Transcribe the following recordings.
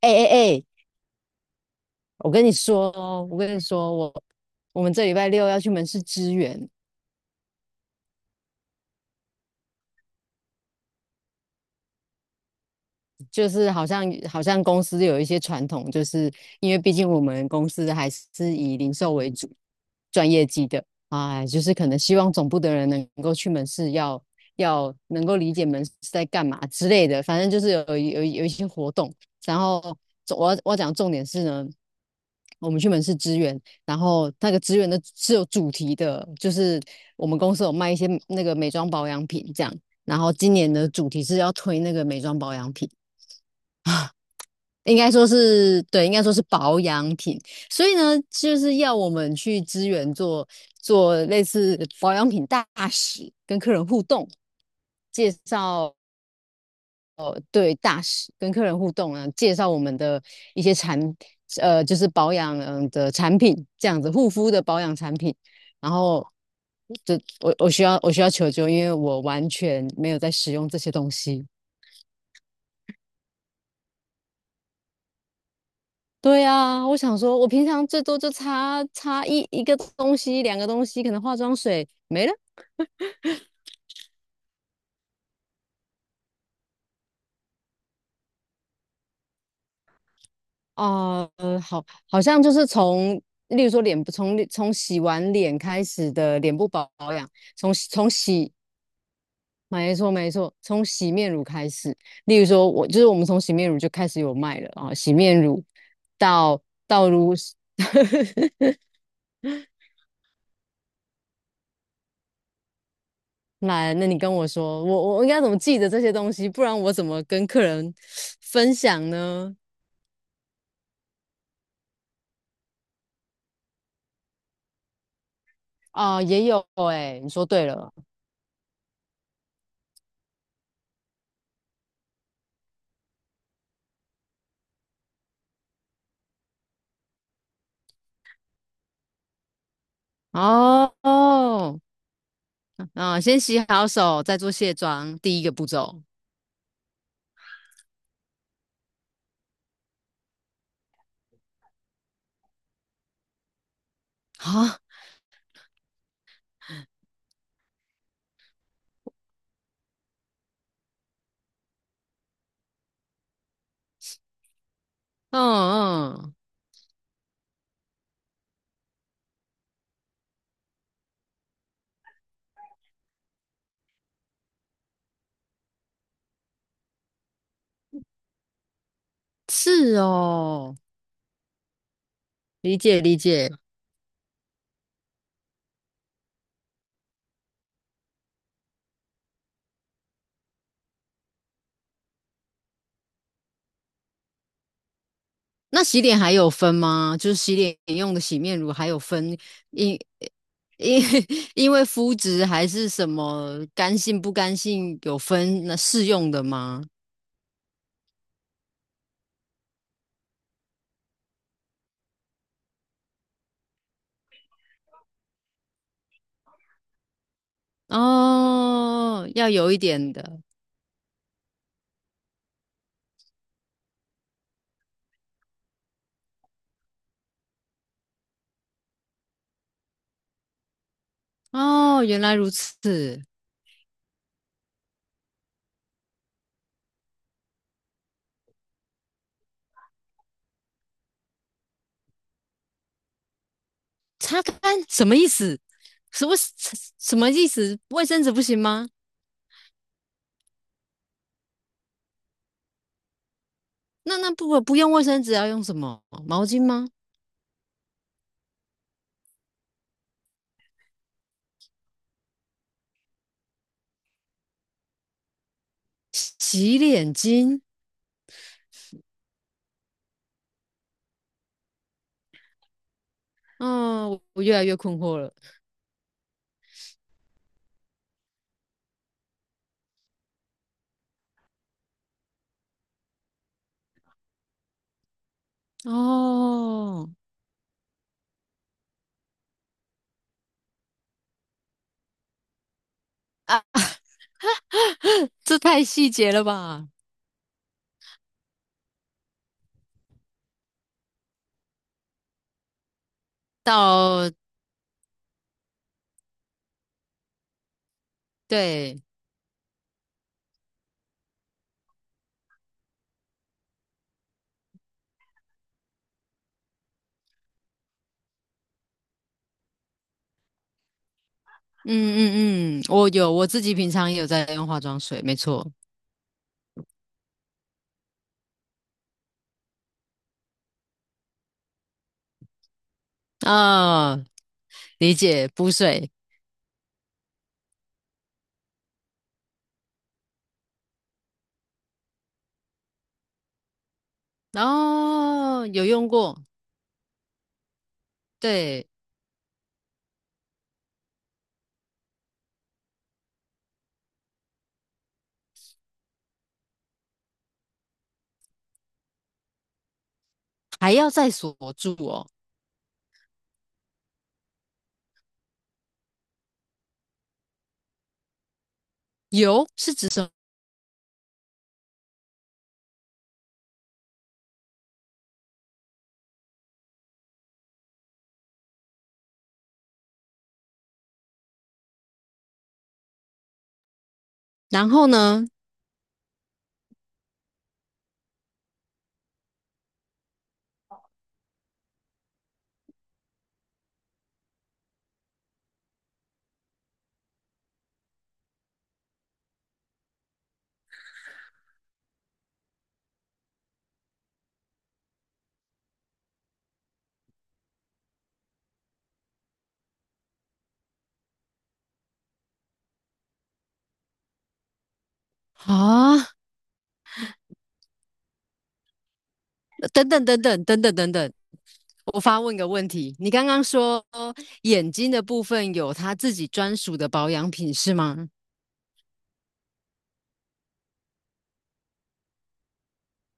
哎哎哎，我跟你说哦，我跟你说，我们这礼拜六要去门市支援，就是好像公司有一些传统，就是因为毕竟我们公司还是以零售为主，赚业绩的啊，就是可能希望总部的人能够去门市要能够理解门市在干嘛之类的，反正就是有一些活动，然后我要讲重点是呢。我们去门市支援，然后那个支援的是有主题的，就是我们公司有卖一些那个美妆保养品这样，然后今年的主题是要推那个美妆保养品。应该说是对，应该说是保养品。所以呢，就是要我们去支援做做类似保养品大使，跟客人互动，介绍对大使跟客人互动啊，介绍我们的一些产就是保养的产品，这样子护肤的保养产品。然后就我需要求救，因为我完全没有在使用这些东西。对啊，我想说，我平常最多就擦擦一个东西、两个东西，可能化妆水没了啊、好，好像就是从，例如说脸部，从洗完脸开始的脸部保养，从洗，没错没错，从洗面乳开始。例如说我，就是我们从洗面乳就开始有卖了啊，洗面乳到到如，来，那你跟我说，我应该怎么记得这些东西，不然我怎么跟客人分享呢？哦，也有哎、你说对了。哦哦，嗯，先洗好手，再做卸妆，第一个步骤啊。嗯嗯，是哦，理解理解。那洗脸还有分吗？就是洗脸用的洗面乳还有分，因因 因为肤质还是什么干性不干性有分那适用的吗？哦，要有一点的。哦，原来如此。擦干什么意思？什么什么意思？卫生纸不行吗？那那不用卫生纸，要用什么？毛巾吗？洗脸巾？哦，我越来越困惑了。哦，啊，这太细节了吧？到，对。嗯嗯嗯，我有，我自己平常也有在用化妆水，没错。啊、理解，补水。哦，有用过。对，还要再锁住哦。油是指什。然后呢，啊，等等等等等等等等，我发问个问题。你刚刚说眼睛的部分有它自己专属的保养品是吗？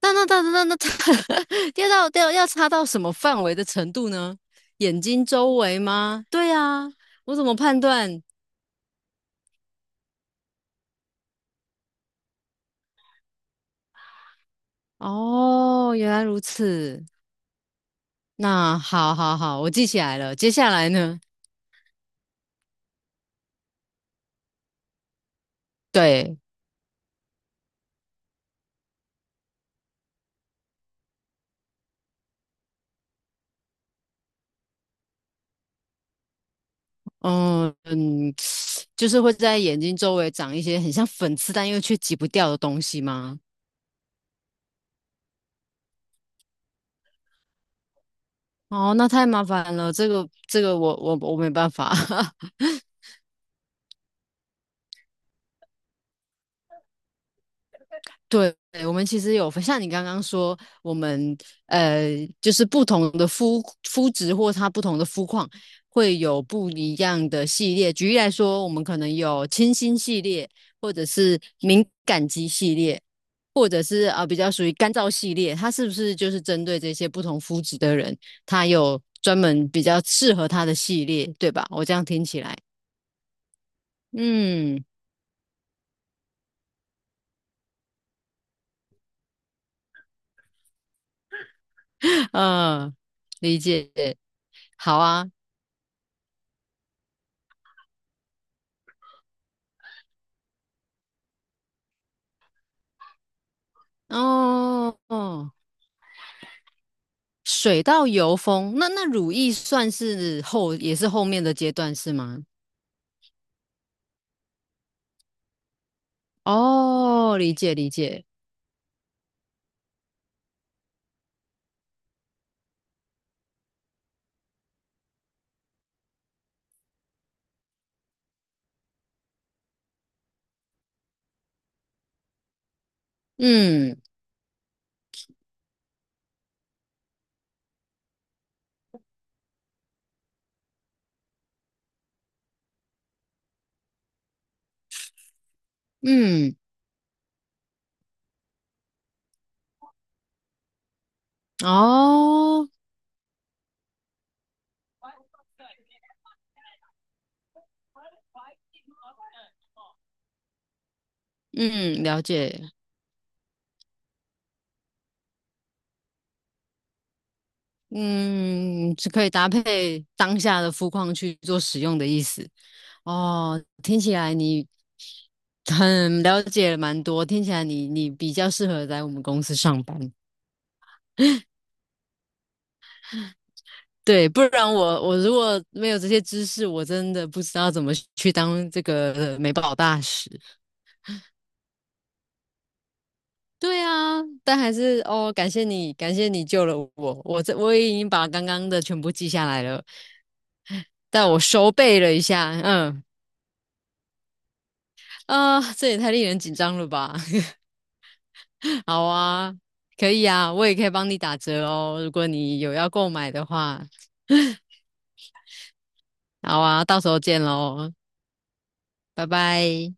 那 要到要擦到什么范围的程度呢？眼睛周围吗？对呀，我怎么判断？哦，原来如此。那好好好，我记起来了。接下来呢？对。嗯嗯，就是会在眼睛周围长一些很像粉刺，但又却挤不掉的东西吗？哦，那太麻烦了，这个这个我没办法。对，我们其实有分像你刚刚说，我们呃，就是不同的肤质或它不同的肤况，会有不一样的系列。举例来说，我们可能有清新系列，或者是敏感肌系列，或者是啊、呃、比较属于干燥系列。它是不是就是针对这些不同肤质的人，它有专门比较适合它的系列，对吧？我这样听起来，嗯。呃，理解，好啊。哦哦，水到油封，那那乳液算是后，也是后面的阶段是吗？哦，理解理解。嗯嗯，哦，嗯，了解。嗯，是可以搭配当下的肤况去做使用的意思。哦，听起来你很了解蛮多，听起来你你比较适合在我们公司上班。对，不然我如果没有这些知识，我真的不知道怎么去当这个美宝大使。对啊，但还是哦，感谢你，感谢你救了我。我也已经把刚刚的全部记下来了，但我收背了一下。嗯啊、这也太令人紧张了吧？好啊，可以啊，我也可以帮你打折哦。如果你有要购买的话，好啊，到时候见喽，拜拜。